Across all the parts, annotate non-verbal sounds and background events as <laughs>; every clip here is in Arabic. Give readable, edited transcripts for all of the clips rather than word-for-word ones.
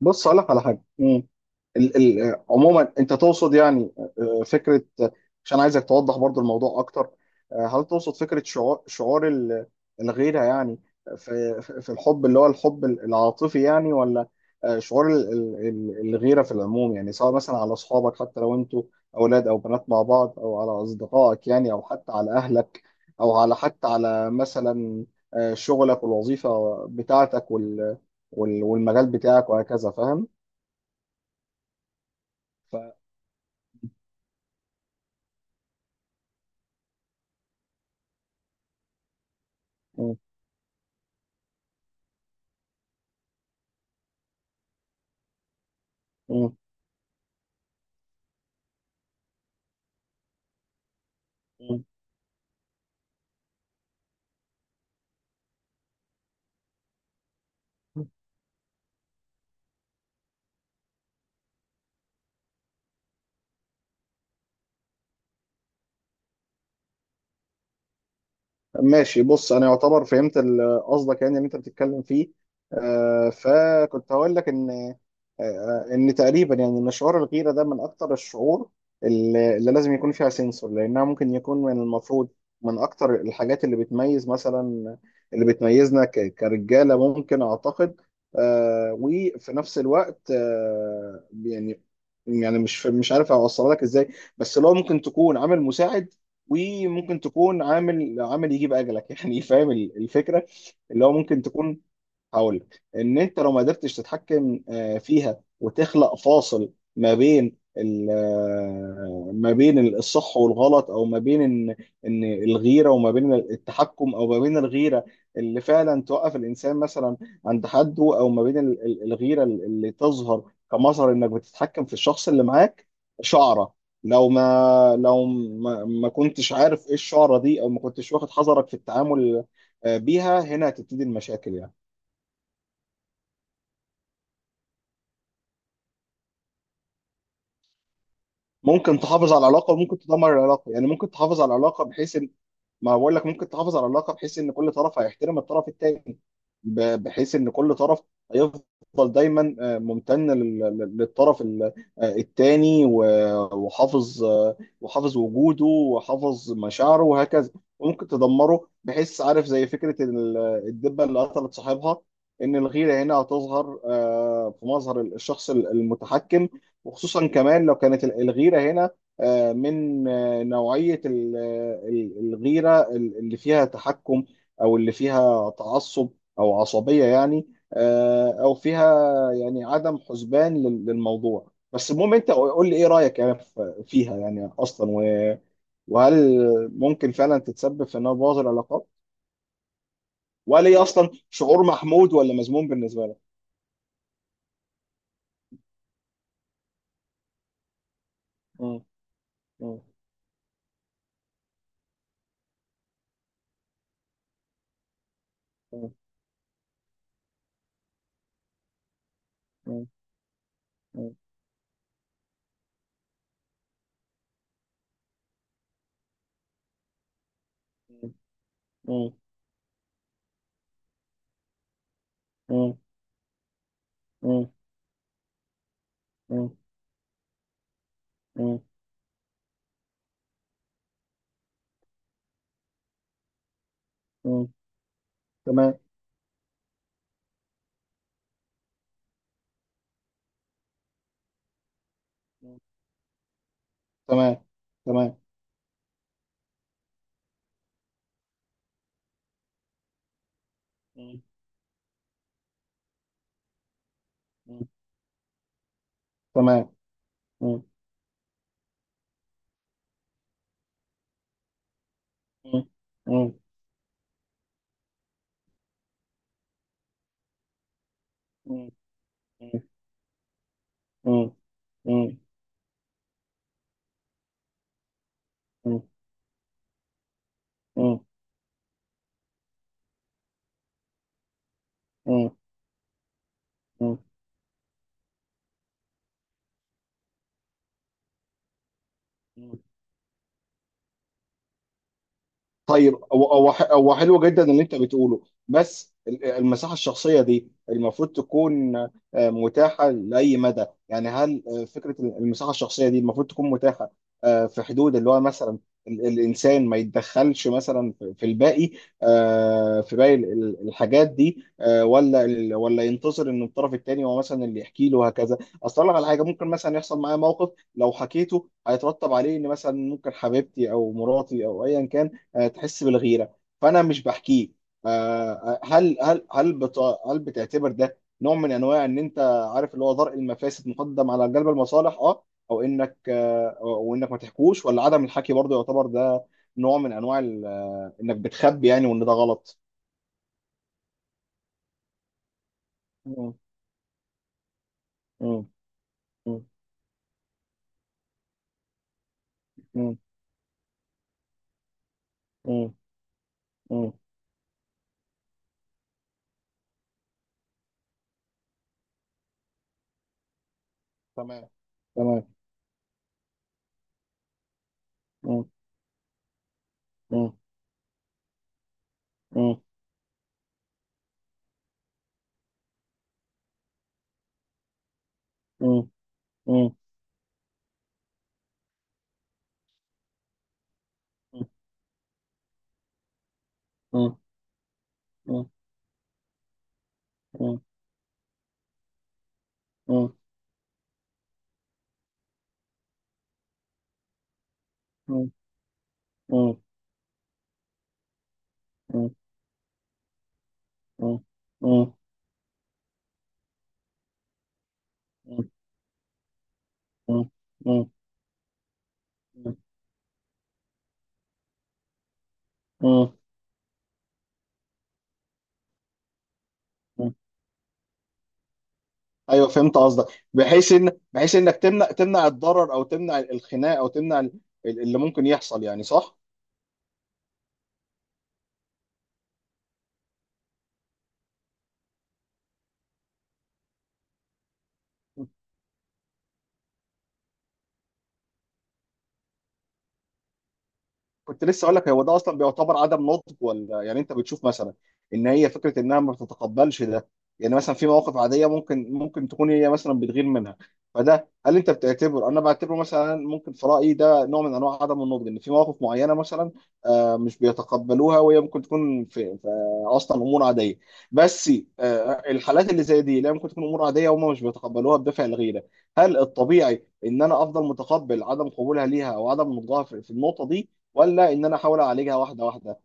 بص، اقول لك على حاجه. مم. ال عموما انت تقصد يعني فكره، عشان عايزك توضح برضو الموضوع اكتر. هل تقصد فكره شعور الغيره يعني في الحب، اللي هو الحب العاطفي يعني، ولا شعور الغيره في العموم؟ يعني سواء مثلا على اصحابك، حتى لو انتوا اولاد او بنات مع بعض، او على اصدقائك يعني، او حتى على اهلك، او على حتى على مثلا شغلك والوظيفه بتاعتك والمجال بتاعك وهكذا. فاهم؟ ف... مم. مم. ماشي. بص، انا يعتبر فهمت قصدك يعني اللي انت بتتكلم فيه. فكنت هقول لك ان آه، آه، ان تقريبا يعني ان شعور الغيره ده من اكتر الشعور اللي لازم يكون فيها سنسور، لانها ممكن يكون من المفروض من اكتر الحاجات اللي بتميز مثلا، اللي بتميزنا كرجاله، ممكن اعتقد. وفي نفس الوقت يعني مش عارف اوصلها لك ازاي، بس لو ممكن تكون عامل مساعد، وممكن تكون عامل يجيب اجلك <laughs> يعني فاهم الفكره؟ اللي هو ممكن تكون، هقول لك ان انت لو ما قدرتش تتحكم فيها، وتخلق فاصل ما بين الصح والغلط، او ما بين ان الغيره، وما بين التحكم، او ما بين الغيره اللي فعلا توقف الانسان مثلا عند حده، او ما بين الغيره اللي تظهر كمظهر انك بتتحكم في الشخص اللي معاك. شعره، لو ما كنتش عارف ايه الشعره دي، او ما كنتش واخد حذرك في التعامل بيها، هنا هتبتدي المشاكل يعني. ممكن تحافظ على العلاقه وممكن تدمر العلاقه، يعني ممكن تحافظ على العلاقه بحيث ان، ما بقول لك، ممكن تحافظ على العلاقه بحيث ان كل طرف هيحترم الطرف الثاني، بحيث ان كل طرف هيفضل دايما ممتن للطرف الثاني، وحافظ وجوده، وحافظ مشاعره، وهكذا. وممكن تدمره، بحيث عارف زي فكره الدبه اللي قتلت صاحبها، ان الغيره هنا هتظهر في مظهر الشخص المتحكم، وخصوصا كمان لو كانت الغيره هنا من نوعية الغيرة اللي فيها تحكم، أو اللي فيها تعصب، أو عصبية يعني، أو فيها يعني عدم حسبان للموضوع. بس المهم أنت قول لي إيه رأيك يعني فيها يعني، أصلا، وهل ممكن فعلا تتسبب في إنها تبوظ العلاقات، وهل هي أصلا شعور محمود ولا مذموم بالنسبة لك؟ مم. مم. مم. مم. مم. مم. مم. مم. مم. مم. تمام، تمام، تمام. مم. مم. تمام. مم. مم. مم. مم. مم. مم. مم. مم. مم. مم. مم. طيب، هو حلو جدا اللي انت بتقوله، بس المساحه الشخصيه دي المفروض تكون متاحه لاي مدى يعني؟ هل فكره المساحه الشخصيه دي المفروض تكون متاحه في حدود اللي هو مثلا الانسان ما يتدخلش مثلا في الباقي في باقي الحاجات دي، ولا ينتظر ان الطرف التاني هو مثلا اللي يحكي له، وهكذا. اصل لك على حاجه، ممكن مثلا يحصل معايا موقف لو حكيته هيترتب عليه ان مثلا ممكن حبيبتي او مراتي او ايا كان تحس بالغيره، فانا مش بحكيه. آه، آه، هل هل هل بت- هل بتعتبر ده نوع من انواع ان انت عارف اللي هو ضرء المفاسد مقدم على جلب المصالح؟ اه. او انك او انك ما تحكوش، ولا عدم الحكي برضه يعتبر ده نوع من انواع انك بتخبي يعني، وان ده غلط؟ مم. مم. مم. مم. مم. مم. تمام. تمام. مم. مم. مم. مم. مم. مم. مم. مم. مم. مم. مم. مم. مم. مم. مم. مم. مم. مم. مم. ايوه، فهمت قصدك. بحيث انك تمنع الضرر، او تمنع الخناق، او تمنع اللي ممكن يحصل، يعني صح؟ كنت لسه اقول لك، هو ده اصلا بيعتبر عدم نضج، ولا يعني انت بتشوف مثلا ان هي فكره انها ما بتتقبلش ده؟ يعني مثلا في مواقف عاديه ممكن تكون هي مثلا بتغير منها، فده هل انت بتعتبر، انا بعتبره مثلا ممكن في رايي ده نوع من انواع عدم النضج، ان في مواقف معينه مثلا مش بيتقبلوها، وهي ممكن تكون في اصلا امور عاديه. بس الحالات اللي زي دي لا، ممكن تكون امور عاديه وهم مش بيتقبلوها بدافع الغيره. هل الطبيعي ان انا افضل متقبل عدم قبولها ليها، او عدم نضجها، في النقطه دي، ولا ان انا احاول اعالجها واحده واحده؟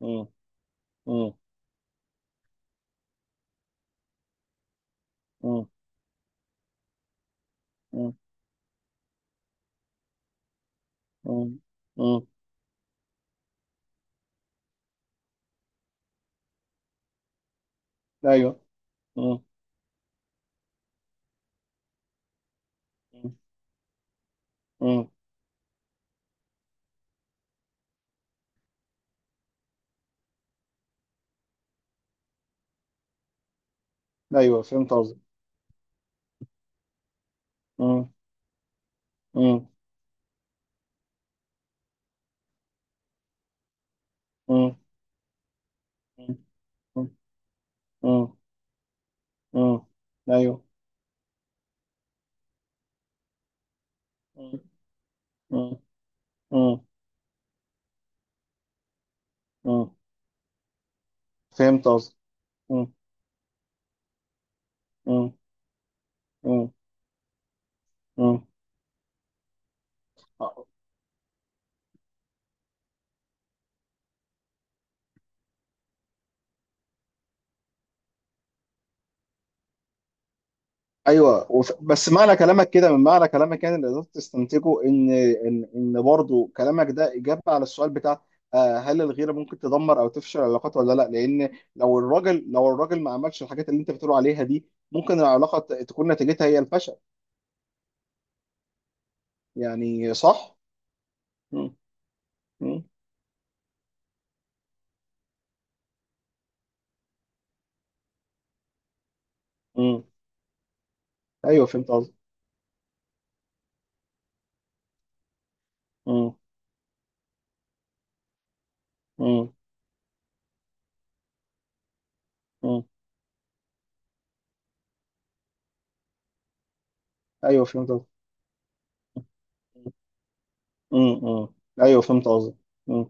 مم. مم. مم. مم. مم. مم. ايوه. مم. مم. مم. ايوه، فهمت قصدك. مم. مم. مم. مم. مم. مم. ايوه. مم. مم. مم. مم. فهمت قصدك. مم. مم. مم. مم. ايوه. بس معنى كلامك كده، من معنى كلامك يعني اللي قدرت تستنتجه، ان برضه كلامك ده اجابه على السؤال بتاع هل الغيره ممكن تدمر او تفشل العلاقات ولا لا، لان لو الراجل ما عملش الحاجات اللي انت بتقول عليها دي، ممكن العلاقه تكون نتيجتها هي الفشل، يعني صح؟ مم. مم. مم. ايوه، فهمت قصدك. مم. مم. مم. ايوه، فهمت قصدك. مم. مم. ايوه، فهمت قصدك. مم.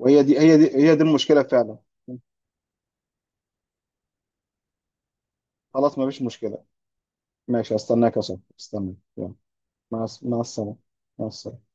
وهي دي المشكله فعلا. مم. خلاص، ما فيش مشكله. ماشي، استناك يا صاحبي، استنى، يلا. مع السلامة. مع السلامة.